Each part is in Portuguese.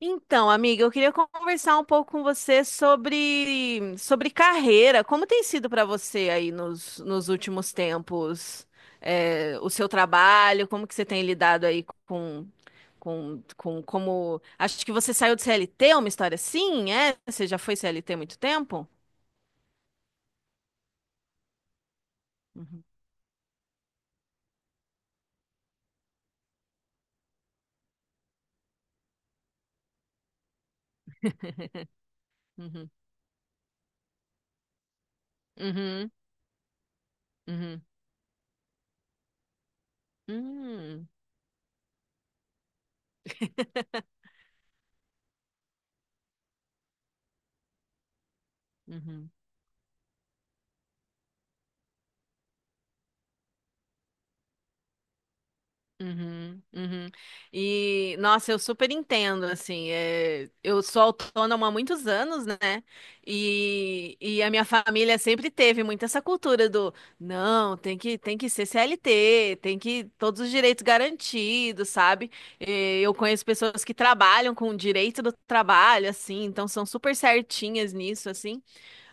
Então, amiga, eu queria conversar um pouco com você sobre carreira. Como tem sido para você aí nos últimos tempos, o seu trabalho? Como que você tem lidado aí com Acho que você saiu de CLT, uma história assim, é? Você já foi CLT há muito tempo? Uhum. Uhum. Uhum. Uhum. Hum. Uhum. Uhum, uhum. E nossa, eu super entendo, assim, eu sou autônoma há muitos anos, né? E a minha família sempre teve muito essa cultura do, não, tem que ser CLT, tem que, todos os direitos garantidos, sabe? Eu conheço pessoas que trabalham com o direito do trabalho, assim, então são super certinhas nisso, assim.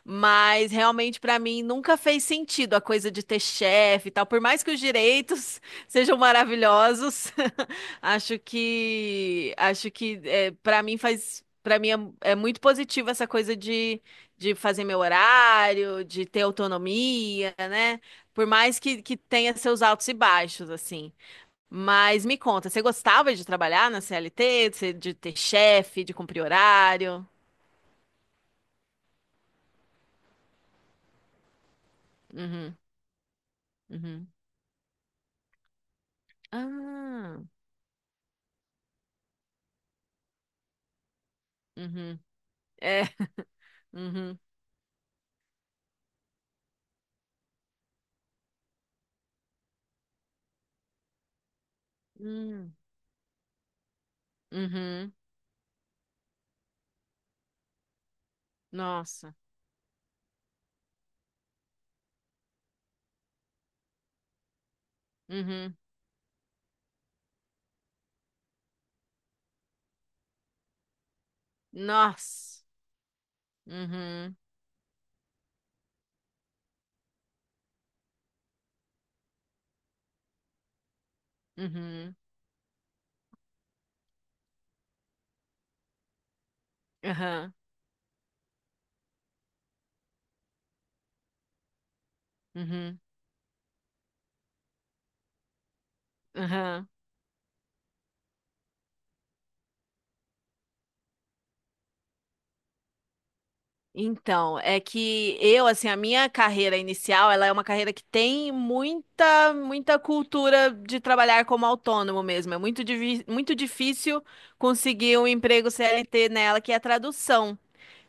Mas realmente pra mim nunca fez sentido a coisa de ter chefe e tal. Por mais que os direitos sejam maravilhosos, acho que é, para mim faz para mim é muito positivo essa coisa de fazer meu horário, de ter autonomia, né? Por mais que tenha seus altos e baixos assim. Mas me conta, você gostava de trabalhar na CLT, de ter chefe, de cumprir horário? Uhum, uhum. Ah. Uhum. É. Uhum. Hum. Uhum. Nossa. Uhum. Nossa. Uhum. Uhum. Aham. Uhum. Aham. Então, é que eu, assim, a minha carreira inicial, ela é uma carreira que tem muita cultura de trabalhar como autônomo mesmo. É muito difícil conseguir um emprego CLT nela, que é tradução.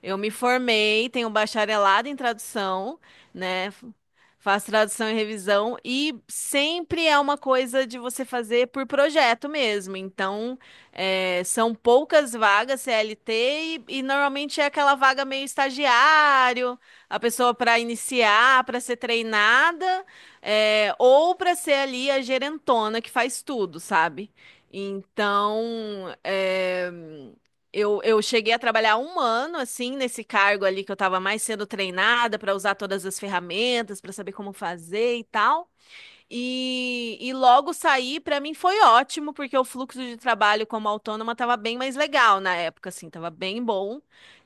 Eu me formei, tenho um bacharelado em tradução, né? Faço tradução e revisão e sempre é uma coisa de você fazer por projeto mesmo. Então, são poucas vagas CLT e normalmente é aquela vaga meio estagiário, a pessoa para iniciar, para ser treinada, ou para ser ali a gerentona que faz tudo, sabe? Então, é. Eu cheguei a trabalhar um ano, assim, nesse cargo ali que eu estava mais sendo treinada para usar todas as ferramentas, para saber como fazer e tal. E logo sair, para mim foi ótimo, porque o fluxo de trabalho como autônoma estava bem mais legal na época, assim, estava bem bom.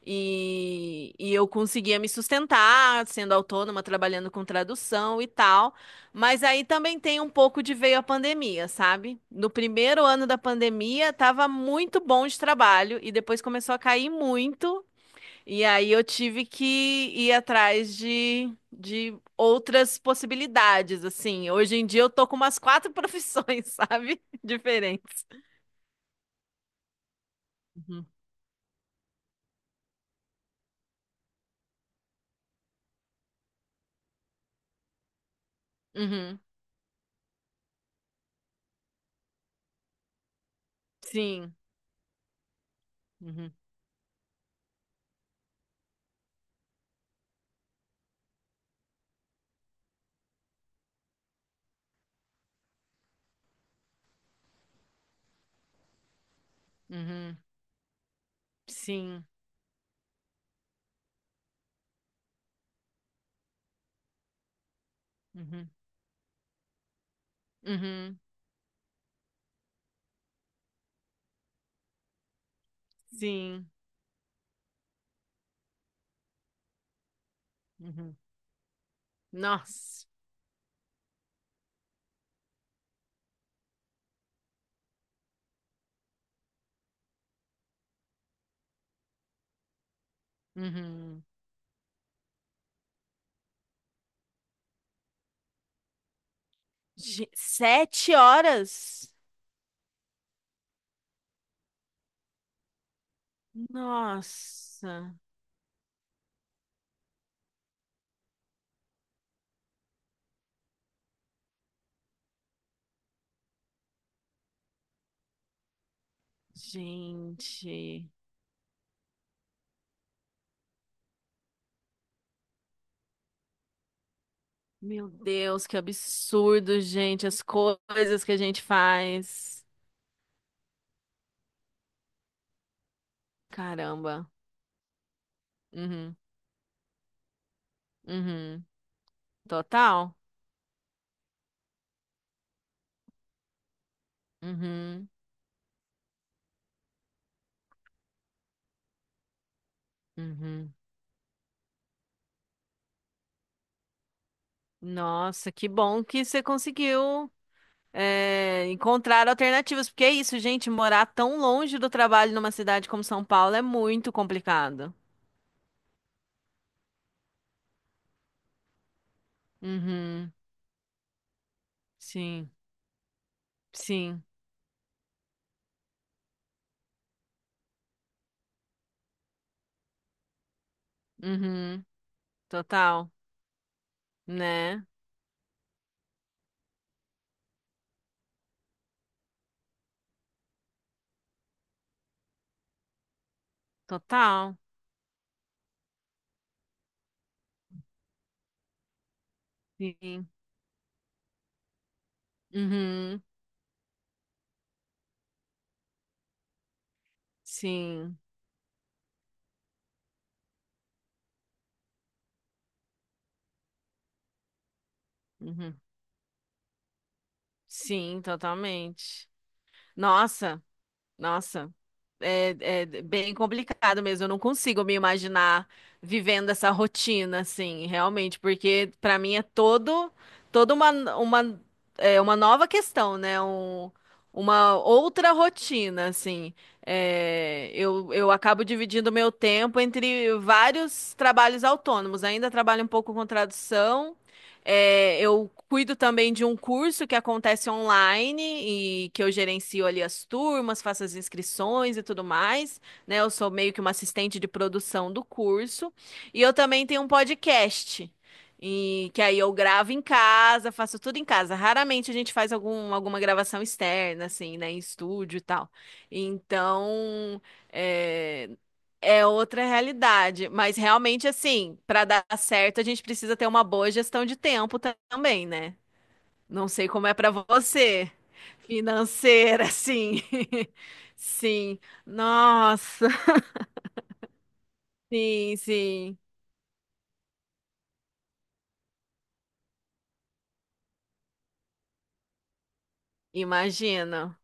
E eu conseguia me sustentar sendo autônoma, trabalhando com tradução e tal. Mas aí também tem um pouco de veio a pandemia, sabe? No primeiro ano da pandemia, estava muito bom de trabalho, e depois começou a cair muito. E aí eu tive que ir atrás de outras possibilidades, assim. Hoje em dia eu tô com umas quatro profissões, sabe? Diferentes. Uhum. Uhum. Sim. Uhum. Uhum. Sim. Uhum. Uhum. Sim. Uhum. Nossa. Uhum. Sete horas? Nossa, gente. Meu Deus, que absurdo, gente. As coisas que a gente faz. Caramba. Uhum. Uhum. Total. Uhum. Uhum. Nossa, que bom que você conseguiu encontrar alternativas, porque é isso, gente, morar tão longe do trabalho numa cidade como São Paulo é muito complicado. Uhum. Sim, sim. Uhum. Total, né? Total. Sim. Uhum. Sim. Uhum. Sim, totalmente. Nossa, nossa. É, é bem complicado mesmo. Eu não consigo me imaginar vivendo essa rotina, assim, realmente, porque para mim é toda uma, uma nova questão, né? Uma outra rotina, assim. Eu acabo dividindo meu tempo entre vários trabalhos autônomos. Ainda trabalho um pouco com tradução. Eu cuido também de um curso que acontece online e que eu gerencio ali as turmas, faço as inscrições e tudo mais, né? Eu sou meio que uma assistente de produção do curso. E eu também tenho um podcast, e que aí eu gravo em casa, faço tudo em casa. Raramente a gente faz alguma gravação externa, assim, né? Em estúdio e tal. Então, é, é outra realidade, mas realmente assim, para dar certo, a gente precisa ter uma boa gestão de tempo também, né? Não sei como é para você, financeira, sim. Sim. Nossa, sim, sim. Imagino.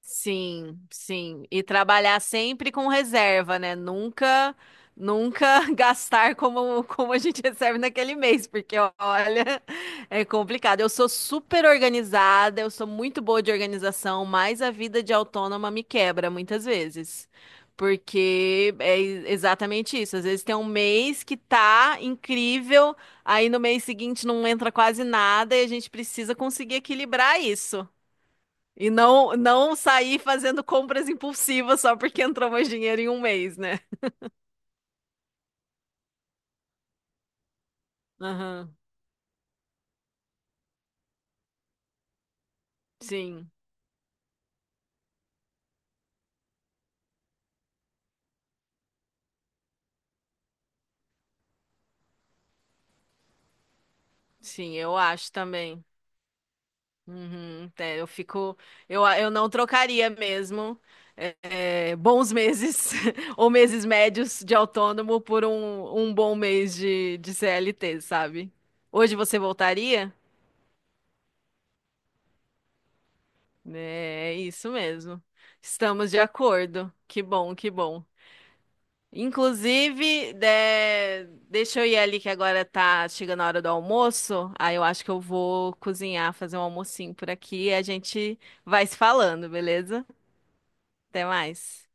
Sim, sim. E trabalhar sempre com reserva, né? Nunca gastar como a gente recebe naquele mês, porque olha, é complicado. Eu sou super organizada, eu sou muito boa de organização, mas a vida de autônoma me quebra muitas vezes. Porque é exatamente isso. Às vezes tem um mês que tá incrível, aí no mês seguinte não entra quase nada e a gente precisa conseguir equilibrar isso. E não, não sair fazendo compras impulsivas só porque entrou mais dinheiro em um mês, né? Aham. Sim, sim, eu acho também. Uhum, é, eu fico. Eu não trocaria mesmo é, bons meses ou meses médios de autônomo por um bom mês de CLT, sabe? Hoje você voltaria? É, é isso mesmo. Estamos de acordo. Que bom, que bom. Inclusive, deixa eu ir ali que agora tá chegando a hora do almoço. Aí eu acho que eu vou cozinhar, fazer um almocinho por aqui e a gente vai se falando, beleza? Até mais.